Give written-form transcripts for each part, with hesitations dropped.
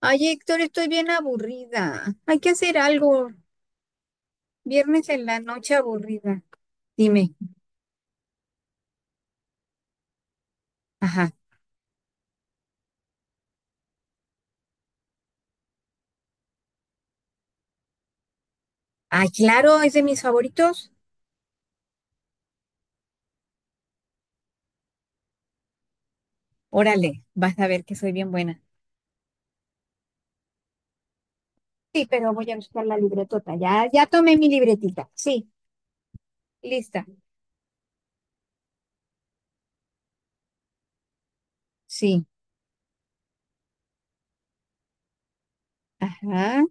Ay, Héctor, estoy bien aburrida. Hay que hacer algo. Viernes en la noche aburrida. Dime. Ajá. Ay, claro, es de mis favoritos. Órale, vas a ver que soy bien buena. Sí, pero voy a buscar la libretota. Ya, ya tomé mi libretita. Sí, lista. Sí. Ajá.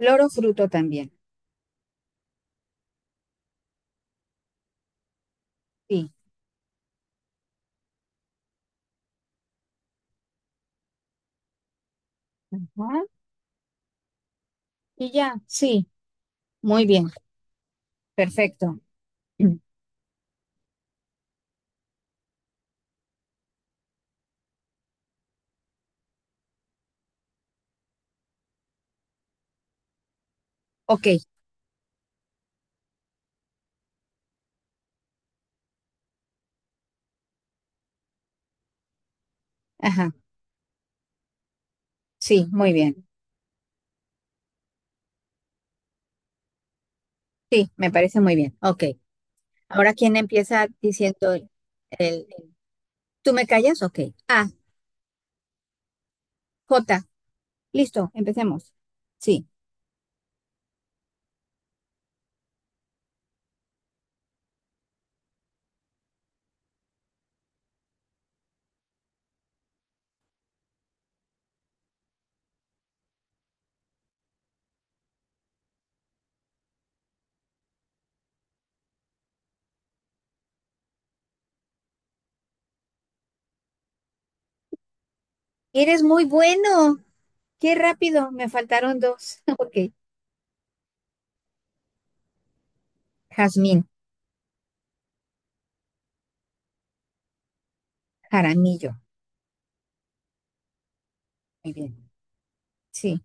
Loro fruto también. Sí. Ajá. Y ya. Sí. Muy bien. Perfecto. Mm. Ok. Ajá. Sí, muy bien. Sí, me parece muy bien. Ok. Ahora, ¿quién empieza diciendo el ¿Tú me callas? Ok. A, J. Listo, empecemos. Sí. Eres muy bueno. Qué rápido. Me faltaron dos. Ok. Jazmín, Jaramillo. Muy bien. Sí.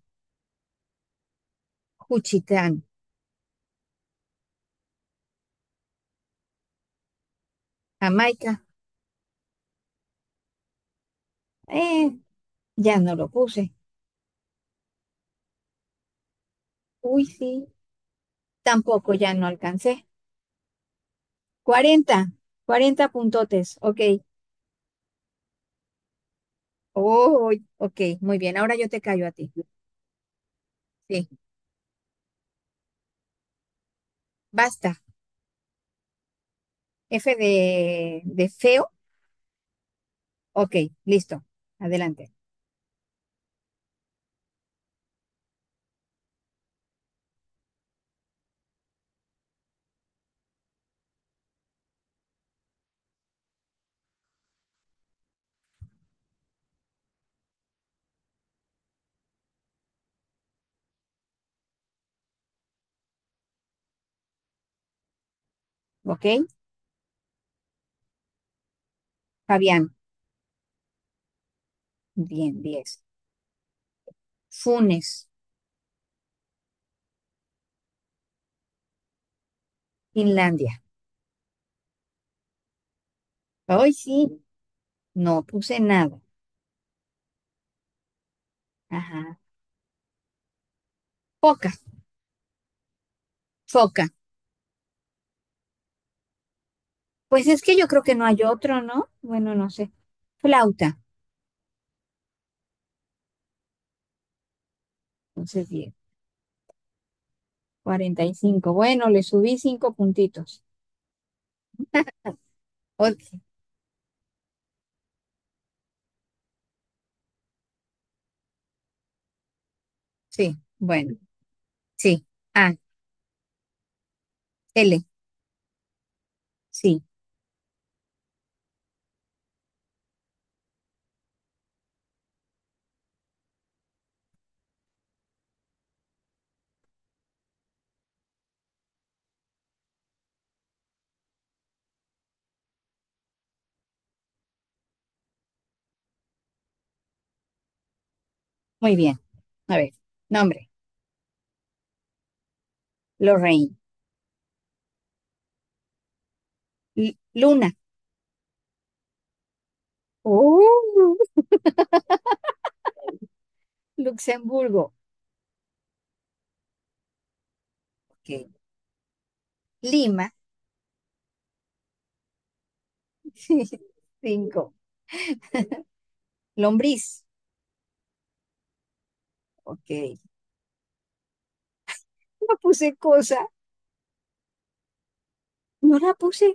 Juchitán, Jamaica. Eh, ya no lo puse. Uy, sí. Tampoco ya no alcancé. 40, 40 puntotes. Ok. Oh, ok. Muy bien. Ahora yo te callo a ti. Sí. Basta. F de feo. Ok. Listo. Adelante. Ok. Fabián. Bien, 10, Funes, Finlandia. Hoy sí, no puse nada. Ajá. Foca, foca. Pues es que yo creo que no hay otro, ¿no? Bueno, no sé. Flauta. Entonces, diez, 45. Bueno, le subí 5 puntitos. Ok, sí, bueno, sí. A, L, sí. Muy bien. A ver, nombre. Lorraine. L- Luna. Oh. Luxemburgo. Ok. Lima. 5. Lombriz. Ok. No puse cosa, no la puse.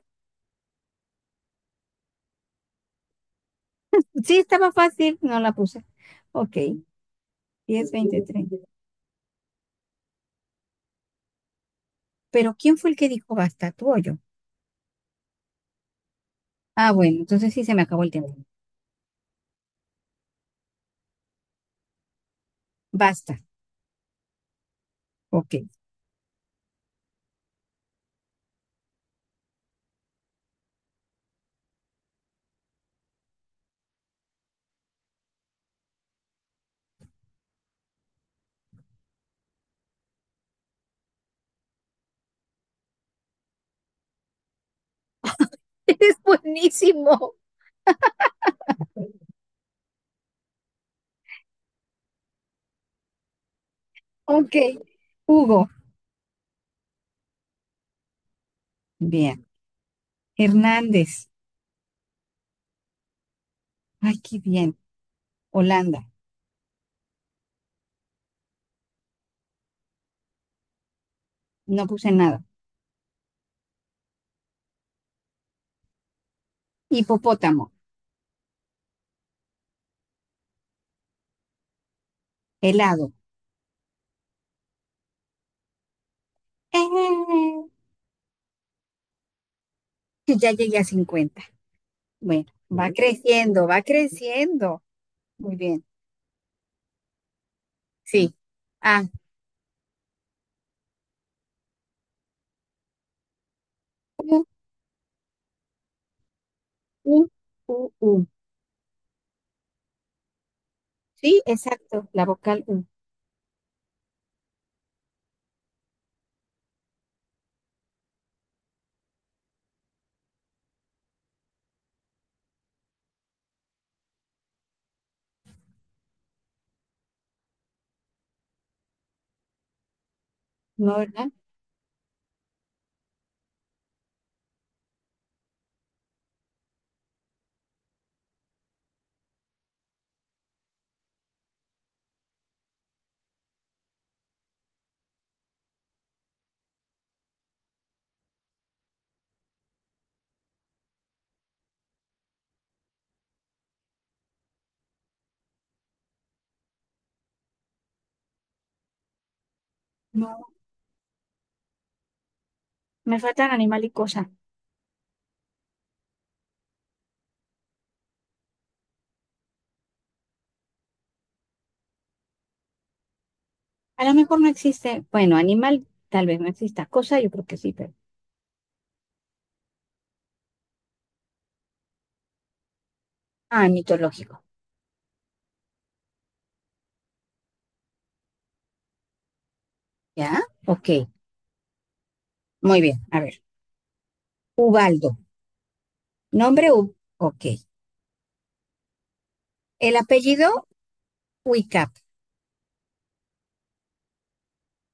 Sí, estaba fácil, no la puse. Ok, 10, 20, 30. Pero ¿quién fue el que dijo basta? ¿Tú o yo? Ah, bueno, entonces sí se me acabó el tiempo. Basta. Ok. Eres buenísimo. Ok. Hugo. Bien. Hernández. Ay, qué bien. Holanda. No puse nada. Hipopótamo. Helado. ¡Eh! Ya llegué a 50. Bueno, va creciendo, va creciendo. Muy bien. Sí. Ah, U, U, U. Sí, exacto, la vocal U, ¿no, verdad? No, me faltan animal y cosa. A lo mejor no existe, bueno, animal tal vez no exista, cosa yo creo que sí, pero... Ah, mitológico, ¿ya? Ok, muy bien, a ver. Ubaldo, nombre U, ok. El apellido Uicap,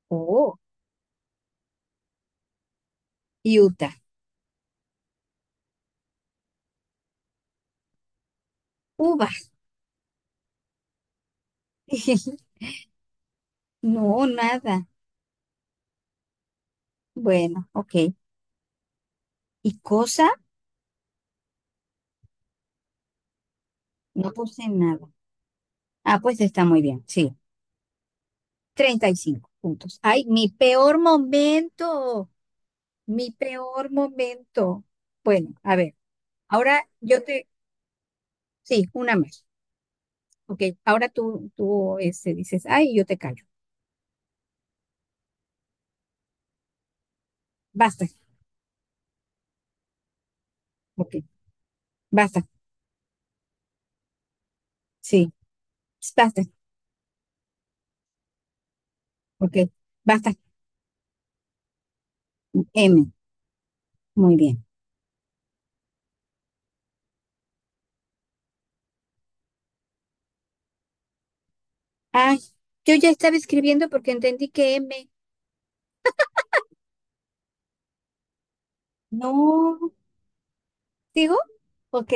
oh, y Utah, uva. No, nada. Bueno, ok. ¿Y cosa? No puse nada. Ah, pues está muy bien, sí. 35 puntos. Ay, mi peor momento, mi peor momento. Bueno, a ver, ahora yo te, sí, una más. Ok, ahora tú, tú dices, ay, yo te callo. Basta, ok, basta, sí, basta, ok, basta. M, muy bien. Ay, yo ya estaba escribiendo porque entendí que M, no, digo, ok.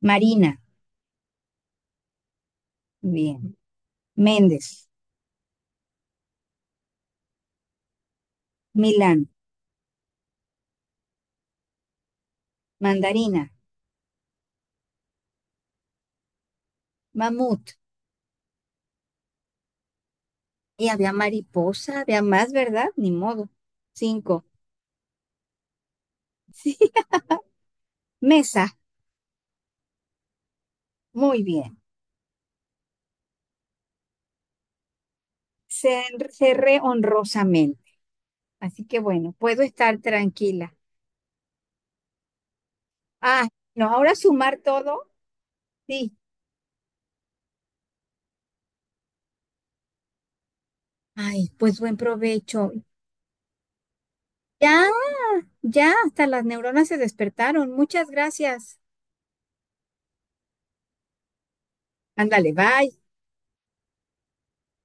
Marina, bien. Méndez, Milán, Mandarina, Mamut, y había mariposa, había más, ¿verdad? Ni modo. 5. Sí. Mesa. Muy bien. Se Cerré honrosamente. Así que bueno, puedo estar tranquila. Ah, no, ahora sumar todo. Sí. Ay, pues buen provecho. Ya, ya, hasta las neuronas se despertaron. Muchas gracias. Ándale, bye.